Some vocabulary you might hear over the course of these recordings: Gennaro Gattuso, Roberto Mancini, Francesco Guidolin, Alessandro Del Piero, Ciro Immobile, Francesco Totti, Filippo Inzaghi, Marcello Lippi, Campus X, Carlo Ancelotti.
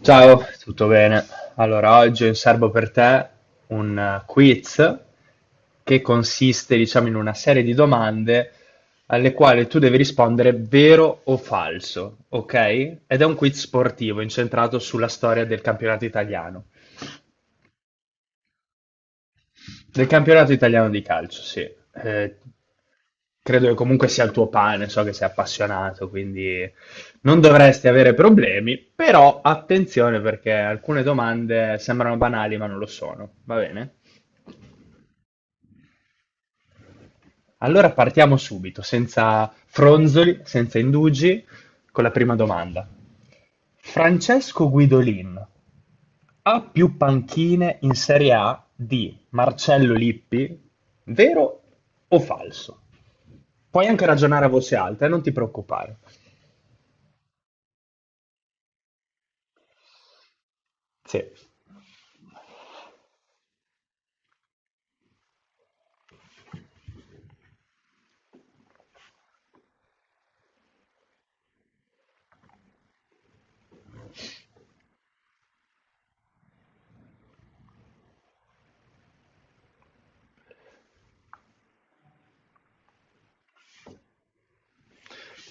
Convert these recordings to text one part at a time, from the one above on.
Ciao, tutto bene? Allora, oggi ho in serbo per te un quiz che consiste, diciamo, in una serie di domande alle quali tu devi rispondere vero o falso, ok? Ed è un quiz sportivo incentrato sulla storia del campionato italiano. Del campionato italiano di calcio, sì. Eh, Credo che comunque sia il tuo pane, so che sei appassionato, quindi non dovresti avere problemi, però attenzione perché alcune domande sembrano banali ma non lo sono, va bene? Allora partiamo subito, senza fronzoli, senza indugi, con la prima domanda. Francesco Guidolin ha più panchine in Serie A di Marcello Lippi, vero o falso? Puoi anche ragionare a voce alta, non ti preoccupare. Sì.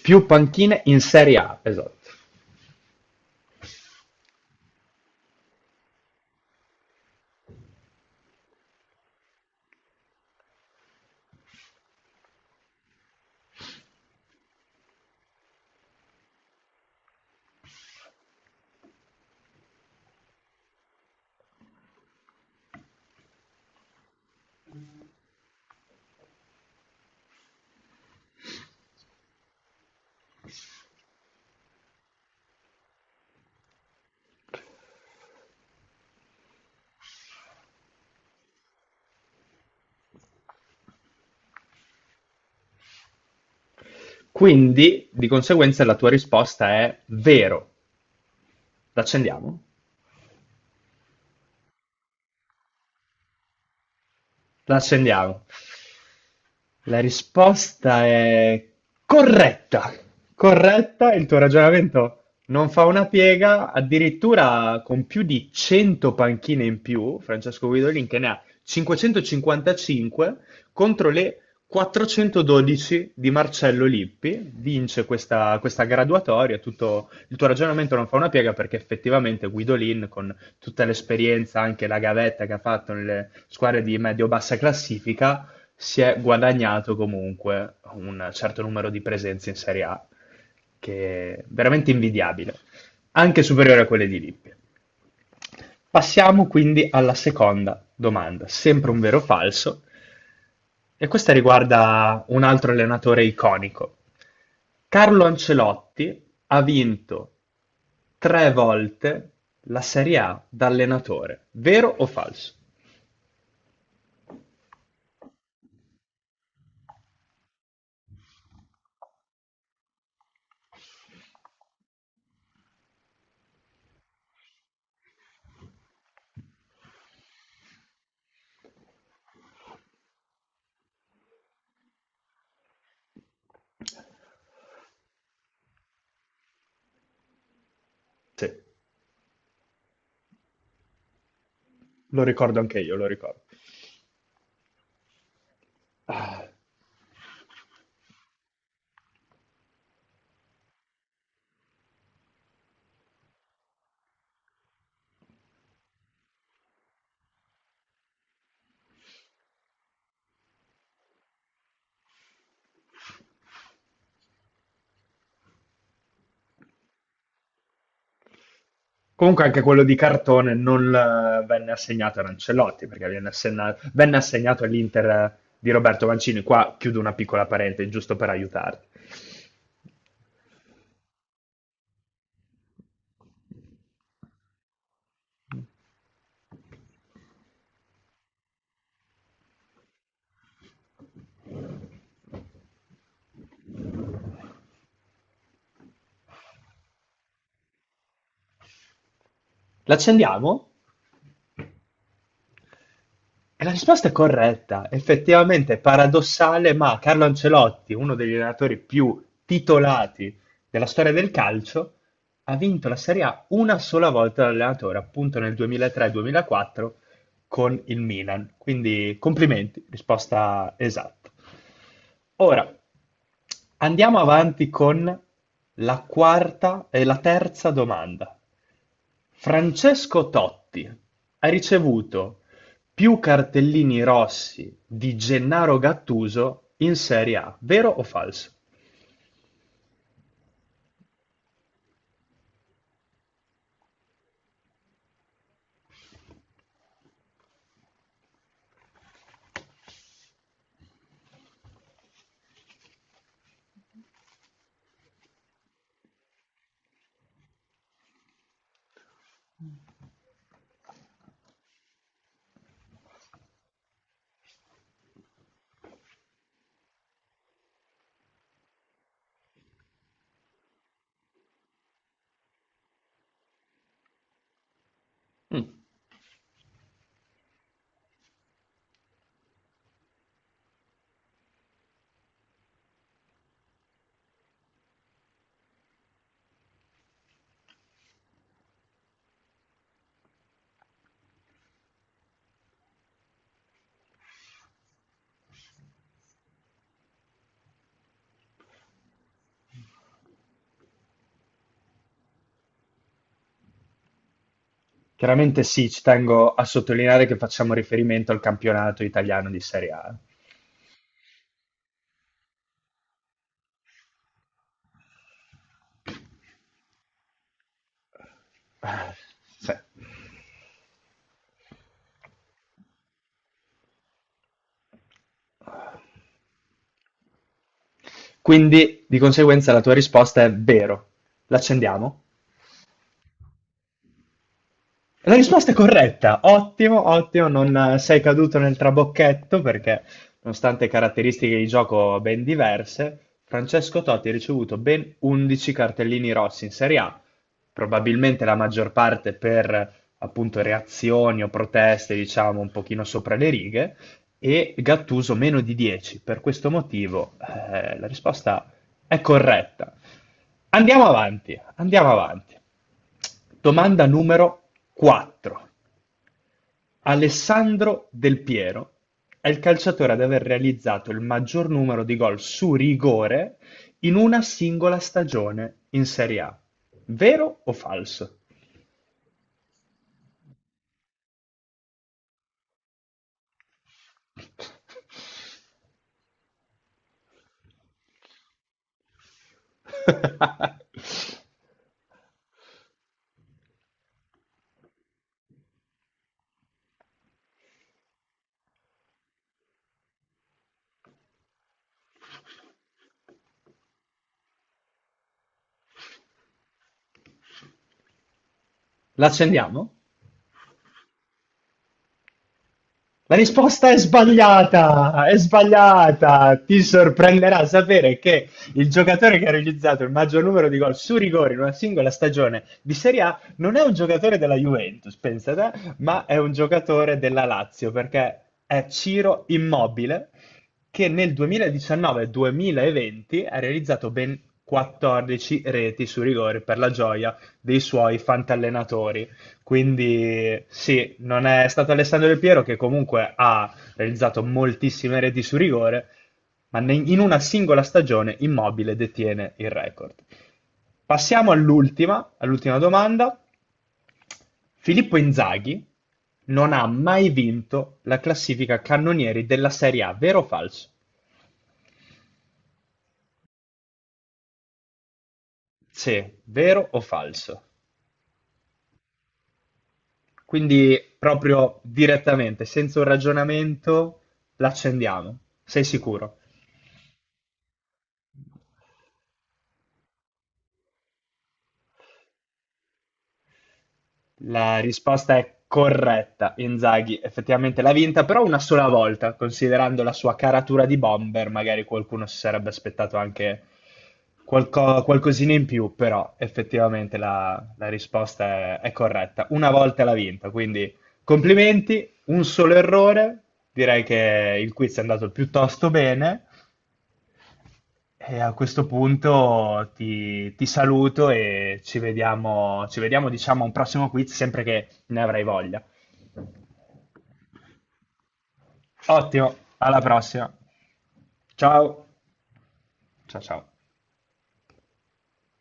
Più panchine in Serie A, esatto. Quindi, di conseguenza, la tua risposta è vero. L'accendiamo? L'accendiamo. La risposta è corretta. Corretta, il tuo ragionamento non fa una piega, addirittura con più di 100 panchine in più, Francesco Guidolin che ne ha 555 contro le 412 di Marcello Lippi, vince questa, graduatoria, tutto il tuo ragionamento non fa una piega perché effettivamente Guidolin con tutta l'esperienza, anche la gavetta che ha fatto nelle squadre di medio-bassa classifica, si è guadagnato comunque un certo numero di presenze in Serie A, che è veramente invidiabile, anche superiore a quelle di Lippi. Passiamo quindi alla seconda domanda, sempre un vero o falso, e questa riguarda un altro allenatore iconico. Carlo Ancelotti ha vinto 3 volte la Serie A da allenatore, vero o falso? Sì, lo ricordo anche io, lo ricordo. Comunque anche quello di cartone non venne assegnato ad Ancelotti, perché venne assegnato all'Inter di Roberto Mancini. Qua chiudo una piccola parentesi, giusto per aiutarti. L'accendiamo? E la risposta è corretta. Effettivamente è paradossale, ma Carlo Ancelotti, uno degli allenatori più titolati della storia del calcio, ha vinto la Serie A una sola volta da allenatore, appunto nel 2003-2004 con il Milan. Quindi complimenti, risposta esatta. Ora andiamo avanti con la quarta e la terza domanda. Francesco Totti ha ricevuto più cartellini rossi di Gennaro Gattuso in Serie A, vero o falso? Mm. Chiaramente sì, ci tengo a sottolineare che facciamo riferimento al campionato italiano di Serie A. Ah, sì. Quindi, di conseguenza, la tua risposta è vero. L'accendiamo? La risposta è corretta, ottimo, ottimo, non sei caduto nel trabocchetto perché, nonostante caratteristiche di gioco ben diverse, Francesco Totti ha ricevuto ben 11 cartellini rossi in Serie A, probabilmente la maggior parte per appunto reazioni o proteste, diciamo, un pochino sopra le righe, e Gattuso meno di 10. Per questo motivo, la risposta è corretta. Andiamo avanti, andiamo avanti. Domanda numero quattro. Alessandro Del Piero è il calciatore ad aver realizzato il maggior numero di gol su rigore in una singola stagione in Serie A. Vero o falso? L'accendiamo? La risposta è sbagliata, è sbagliata. Ti sorprenderà sapere che il giocatore che ha realizzato il maggior numero di gol su rigore in una singola stagione di Serie A non è un giocatore della Juventus, pensate, ma è un giocatore della Lazio, perché è Ciro Immobile, che nel 2019-2020 ha realizzato ben 14 reti su rigore per la gioia dei suoi fantallenatori. Quindi sì, non è stato Alessandro Del Piero che comunque ha realizzato moltissime reti su rigore, ma in una singola stagione Immobile detiene il record. Passiamo all'ultima, all'ultima domanda. Filippo Inzaghi non ha mai vinto la classifica cannonieri della Serie A, vero o falso? Sì, vero o falso? Quindi proprio direttamente, senza un ragionamento, l'accendiamo. Sei sicuro? La risposta è corretta. Inzaghi effettivamente l'ha vinta, però una sola volta, considerando la sua caratura di bomber, magari qualcuno si sarebbe aspettato anche qualcosina in più, però effettivamente la risposta è corretta. Una volta l'ha vinta, quindi complimenti, un solo errore. Direi che il quiz è andato piuttosto bene. E a questo punto ti saluto e ci vediamo, diciamo, a un prossimo quiz, sempre che ne avrai voglia. Ottimo, alla prossima. Ciao. Ciao ciao.